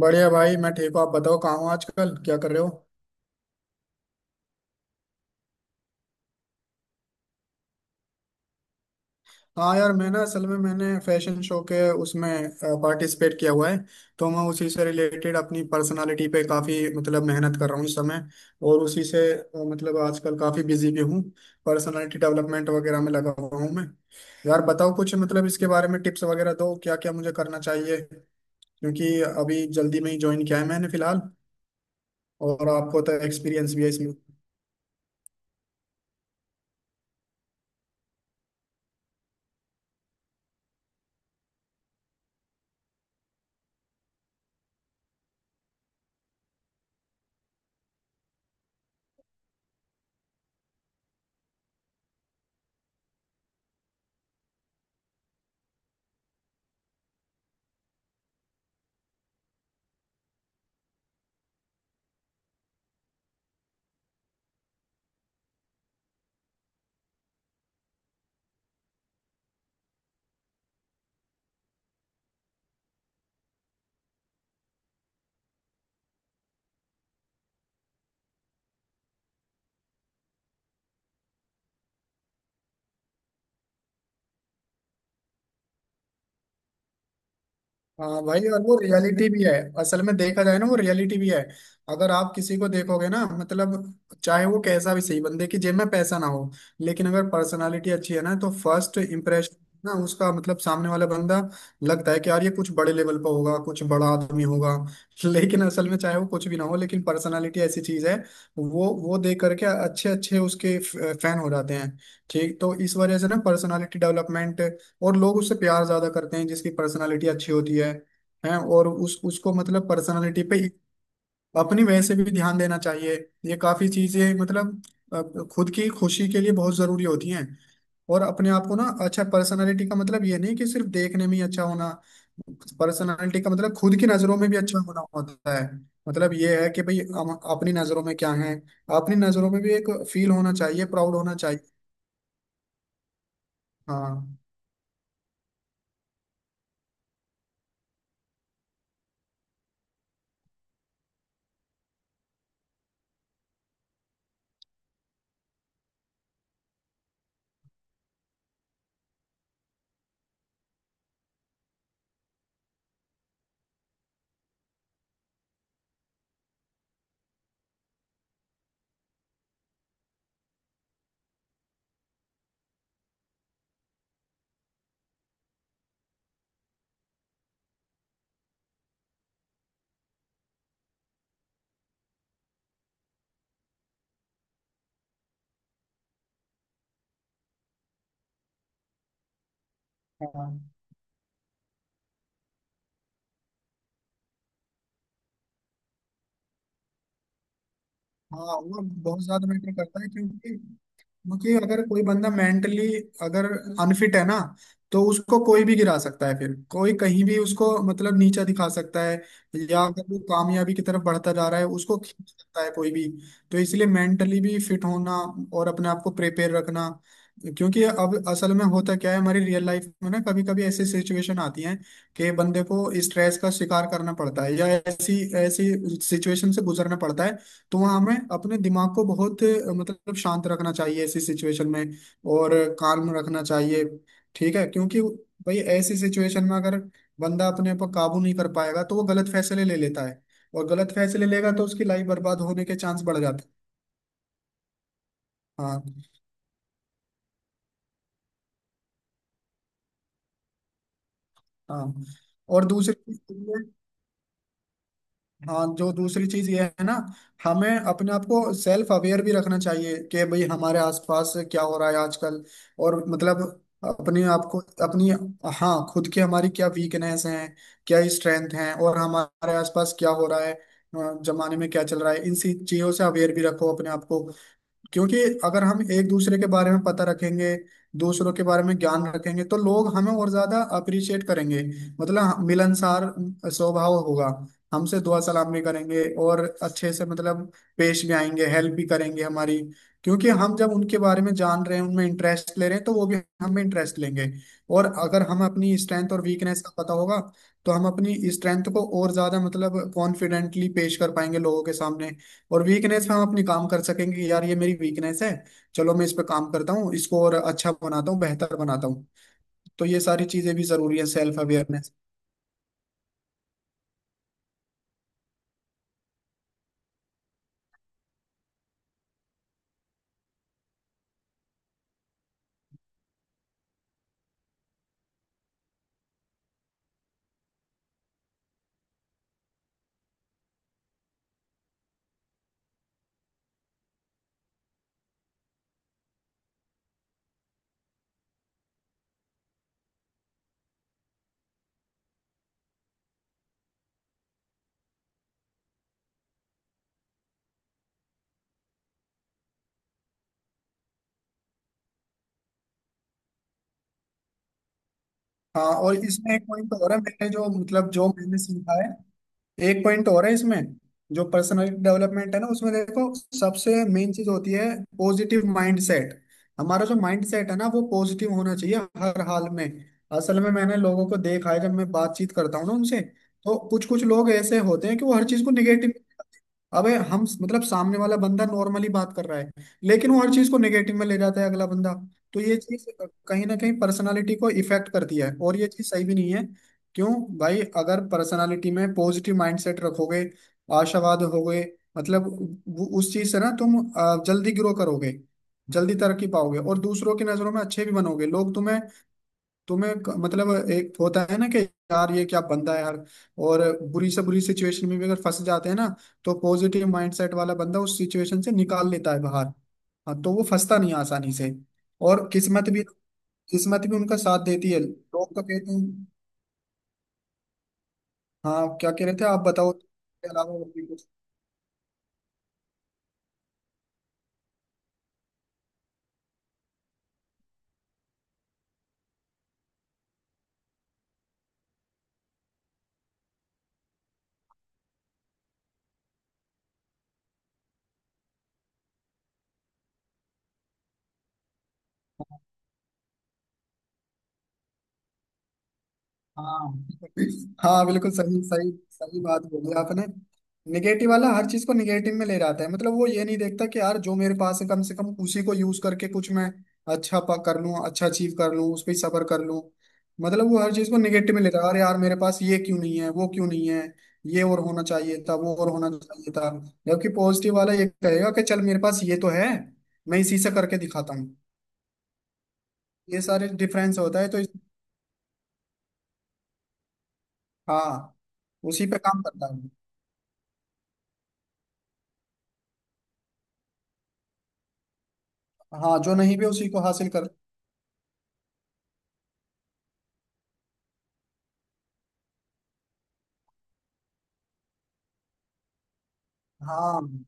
बढ़िया भाई, मैं ठीक हूँ। आप बताओ कहाँ हो आजकल, क्या कर रहे हो? हाँ यार, मैं ना असल में मैंने फैशन शो के उसमें पार्टिसिपेट किया हुआ है। तो मैं उसी से रिलेटेड अपनी पर्सनालिटी पे काफ़ी मतलब मेहनत कर रहा हूँ इस समय। और उसी से मतलब आजकल काफ़ी बिजी भी हूँ, पर्सनालिटी डेवलपमेंट वगैरह में लगा हुआ हूँ मैं। यार बताओ कुछ मतलब इसके बारे में टिप्स वगैरह दो, क्या क्या मुझे करना चाहिए, क्योंकि अभी जल्दी में ही ज्वाइन किया है मैंने फिलहाल। और आपको तो एक्सपीरियंस भी है। हाँ भाई, और वो रियलिटी भी है। असल में देखा जाए ना, वो रियलिटी भी है। अगर आप किसी को देखोगे ना, मतलब चाहे वो कैसा भी सही बंदे की जेब में पैसा ना हो, लेकिन अगर पर्सनालिटी अच्छी है ना, तो फर्स्ट इम्प्रेशन ना उसका, मतलब सामने वाला बंदा लगता है कि यार ये कुछ बड़े लेवल पर होगा, कुछ बड़ा आदमी होगा। लेकिन असल में चाहे वो कुछ भी ना हो, लेकिन पर्सनालिटी ऐसी चीज है वो देख करके अच्छे अच्छे उसके फैन हो जाते हैं। ठीक, तो इस वजह से ना पर्सनालिटी डेवलपमेंट, और लोग उससे प्यार ज्यादा करते हैं जिसकी पर्सनालिटी अच्छी होती है। हैं, और उस उसको मतलब पर्सनालिटी पे अपनी वैसे भी ध्यान देना चाहिए। ये काफी चीजें मतलब खुद की खुशी के लिए बहुत जरूरी होती हैं। और अपने आप को ना अच्छा, पर्सनालिटी का मतलब ये नहीं कि सिर्फ देखने में ही अच्छा होना। पर्सनालिटी का मतलब खुद की नजरों में भी अच्छा होना होता है। मतलब ये है कि भाई हम अपनी नजरों में क्या है। अपनी नजरों में भी एक फील होना चाहिए, प्राउड होना चाहिए। हाँ हाँ। हाँ, वो बहुत ज्यादा मैटर करता है, क्योंकि क्योंकि अगर कोई बंदा मेंटली, अगर अनफिट है ना, तो उसको कोई भी गिरा सकता है, फिर कोई कहीं भी उसको मतलब नीचा दिखा सकता है। या अगर वो कामयाबी की तरफ बढ़ता जा रहा है, उसको खींच सकता है कोई भी। तो इसलिए मेंटली भी फिट होना और अपने आप को प्रिपेयर रखना। क्योंकि अब असल में होता क्या है हमारी रियल लाइफ में ना, कभी कभी ऐसी सिचुएशन आती है कि बंदे को स्ट्रेस का शिकार करना पड़ता है या ऐसी ऐसी सिचुएशन से गुजरना पड़ता है। तो हाँ, हमें अपने दिमाग को बहुत मतलब शांत रखना चाहिए ऐसी सिचुएशन में, और काम रखना चाहिए। ठीक है, क्योंकि भाई ऐसी सिचुएशन में अगर बंदा अपने ऊपर काबू नहीं कर पाएगा तो वो गलत फैसले ले लेता है। और गलत फैसले लेगा तो उसकी लाइफ बर्बाद होने के चांस बढ़ जाते हैं। हाँ हाँ। और दूसरी चीज़ ये है, हाँ जो दूसरी चीज ये है ना, हमें अपने आप को सेल्फ अवेयर भी रखना चाहिए कि भाई हमारे आसपास क्या हो रहा है आजकल। और मतलब अपने आप को, अपनी, हाँ खुद की हमारी क्या वीकनेस हैं, क्या स्ट्रेंथ हैं, और हमारे आसपास क्या हो रहा है, जमाने में क्या चल रहा है, इन सी चीजों से अवेयर भी रखो अपने आप को। क्योंकि अगर हम एक दूसरे के बारे में पता रखेंगे, दूसरों के बारे में ज्ञान रखेंगे, तो लोग हमें और ज्यादा अप्रिशिएट करेंगे। मतलब मिलनसार स्वभाव होगा, हमसे दुआ सलाम भी करेंगे और अच्छे से मतलब पेश भी आएंगे, हेल्प भी करेंगे हमारी, क्योंकि हम जब उनके बारे में जान रहे हैं, उनमें इंटरेस्ट ले रहे हैं, तो वो भी हमें इंटरेस्ट लेंगे। और अगर हम अपनी स्ट्रेंथ और वीकनेस का पता होगा, तो हम अपनी स्ट्रेंथ को और ज्यादा मतलब कॉन्फिडेंटली पेश कर पाएंगे लोगों के सामने। और वीकनेस पे हम अपनी काम कर सकेंगे कि यार ये मेरी वीकनेस है, चलो मैं इस पे काम करता हूँ, इसको और अच्छा बनाता हूँ, बेहतर बनाता हूँ। तो ये सारी चीजें भी जरूरी है, सेल्फ अवेयरनेस। हाँ और इसमें एक पॉइंट और है, मैंने जो मतलब जो मैंने सीखा है, एक पॉइंट और है इसमें। जो पर्सनालिटी डेवलपमेंट है ना, उसमें देखो सबसे मेन चीज होती है पॉजिटिव माइंड सेट। हमारा जो माइंड सेट है ना, वो पॉजिटिव होना चाहिए हर हाल में। असल में मैंने लोगों को देखा है, जब मैं बातचीत करता हूँ ना उनसे, तो कुछ कुछ लोग ऐसे होते हैं कि वो हर चीज को निगेटिव, अबे हम मतलब सामने वाला बंदा नॉर्मली बात कर रहा है, लेकिन वो हर चीज को नेगेटिव में ले जाता है अगला बंदा। तो ये चीज कहीं ना कहीं पर्सनालिटी को इफेक्ट करती है, और ये चीज सही भी नहीं है। क्यों? भाई अगर पर्सनालिटी में पॉजिटिव माइंडसेट रखोगे, आशावाद होगे, मतलब उस चीज से ना तुम जल्दी ग्रो करोगे, जल्दी तरक्की पाओगे और दूसरों की नजरों में अच्छे भी बनोगे। लोग तुम्हें, मतलब एक होता है ना कि यार ये क्या बंदा है यार। और बुरी से बुरी सिचुएशन में भी अगर फंस जाते हैं ना, तो पॉजिटिव माइंडसेट वाला बंदा उस सिचुएशन से निकाल लेता है बाहर। हाँ तो वो फंसता नहीं आसानी से। और किस्मत भी, किस्मत भी उनका साथ देती है, लोग तो कहते हैं। हाँ, क्या कह रहे थे आप? बताओ इसके अलावा और भी कुछ। हाँ हाँ, बिल्कुल सही सही सही बात बोली आपने। निगेटिव वाला हर चीज को निगेटिव में ले जाता है, मतलब वो ये नहीं देखता कि यार जो मेरे पास है कम से कम उसी को यूज करके कुछ मैं अच्छा पा कर लूँ, अच्छा अचीव कर लूँ, उस पर सबर कर लूँ। मतलब वो हर चीज को निगेटिव में ले रहा है, अरे यार मेरे पास ये क्यों नहीं है, वो क्यों नहीं है, ये और होना चाहिए था, वो और होना चाहिए था। जबकि पॉजिटिव वाला ये कहेगा कि चल मेरे पास ये तो है, मैं इसी से करके दिखाता हूँ। ये सारे डिफरेंस होता है, तो हाँ उसी पे काम करता है। हाँ जो नहीं भी उसी को हासिल कर। हाँ।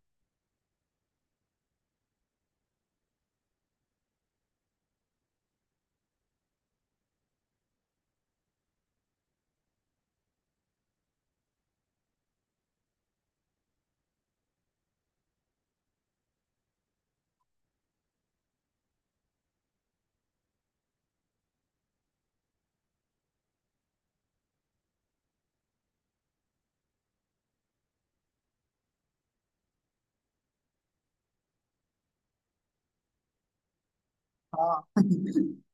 हाँ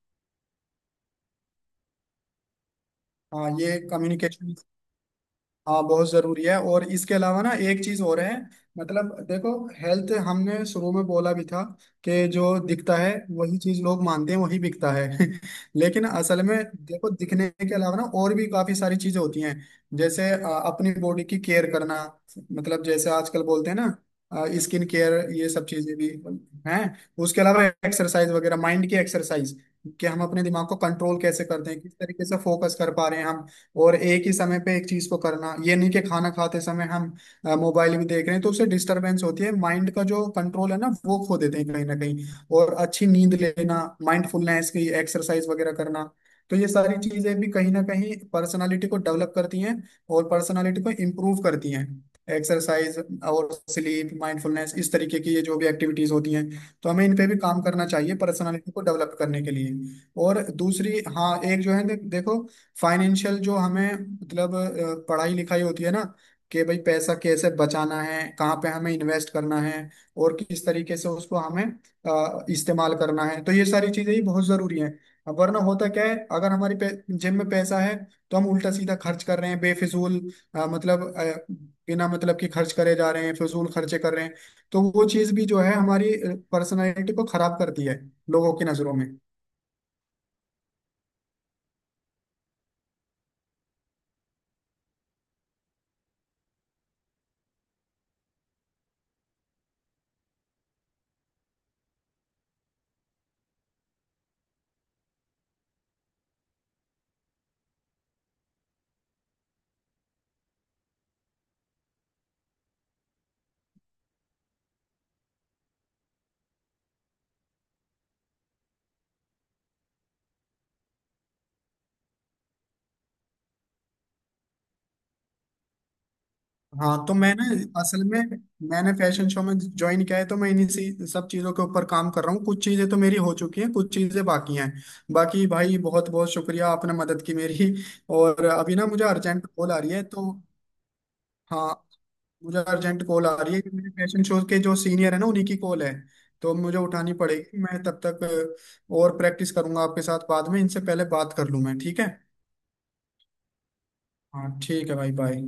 हाँ ये कम्युनिकेशन। हाँ बहुत जरूरी है, और इसके अलावा ना एक चीज और है, मतलब देखो हेल्थ हमने शुरू में बोला भी था कि जो दिखता है वही चीज लोग मानते हैं, वही बिकता है। लेकिन असल में देखो, दिखने के अलावा ना और भी काफी सारी चीजें होती हैं, जैसे अपनी बॉडी की केयर करना। मतलब जैसे आजकल बोलते हैं ना, स्किन केयर, ये सब चीजें भी हैं। उसके अलावा एक्सरसाइज वगैरह, माइंड की एक्सरसाइज, कि हम अपने दिमाग को कंट्रोल कैसे करते हैं, किस तरीके से फोकस कर पा रहे हैं हम। और एक ही समय पे एक चीज को करना, ये नहीं कि खाना खाते समय हम मोबाइल भी देख रहे हैं, तो उससे डिस्टरबेंस होती है, माइंड का जो कंट्रोल है ना वो खो देते हैं कहीं ना कहीं। और अच्छी नींद लेना, माइंडफुलनेस की एक्सरसाइज वगैरह करना, तो ये सारी चीजें भी कहीं ना कहीं पर्सनालिटी को डेवलप करती हैं, और पर्सनालिटी को इम्प्रूव करती हैं। एक्सरसाइज और स्लीप, माइंडफुलनेस, इस तरीके की ये जो भी एक्टिविटीज होती हैं, तो हमें इन पे भी काम करना चाहिए पर्सनालिटी को डेवलप करने के लिए। और दूसरी, हाँ एक जो है, देखो फाइनेंशियल जो हमें मतलब पढ़ाई लिखाई होती है ना, कि भाई पैसा कैसे बचाना है, कहाँ पे हमें इन्वेस्ट करना है, और किस तरीके से उसको हमें इस्तेमाल करना है, तो ये सारी चीजें ही बहुत जरूरी हैं। अब वरना होता क्या है, अगर हमारी जेब में पैसा है तो हम उल्टा सीधा खर्च कर रहे हैं बेफिजूल, मतलब बिना मतलब कि खर्च करे जा रहे हैं, फिजूल खर्चे कर रहे हैं। तो वो चीज भी जो है हमारी पर्सनालिटी को खराब करती है लोगों की नजरों में। हाँ तो मैंने, असल में मैंने फैशन शो में ज्वाइन किया है, तो मैं इन्हीं सी सब चीज़ों के ऊपर काम कर रहा हूँ, कुछ चीज़ें तो मेरी हो चुकी हैं, कुछ चीज़ें बाकी हैं। बाकी भाई बहुत बहुत शुक्रिया, आपने मदद की मेरी। और अभी ना मुझे अर्जेंट कॉल आ रही है, तो। हाँ, मुझे अर्जेंट कॉल आ रही है, कि मेरे फैशन शो के जो सीनियर है ना, उन्हीं की कॉल है, तो मुझे उठानी पड़ेगी। मैं तब तक और प्रैक्टिस करूंगा आपके साथ बाद में, इनसे पहले बात कर लूँ मैं, ठीक है? हाँ ठीक है भाई, बाय।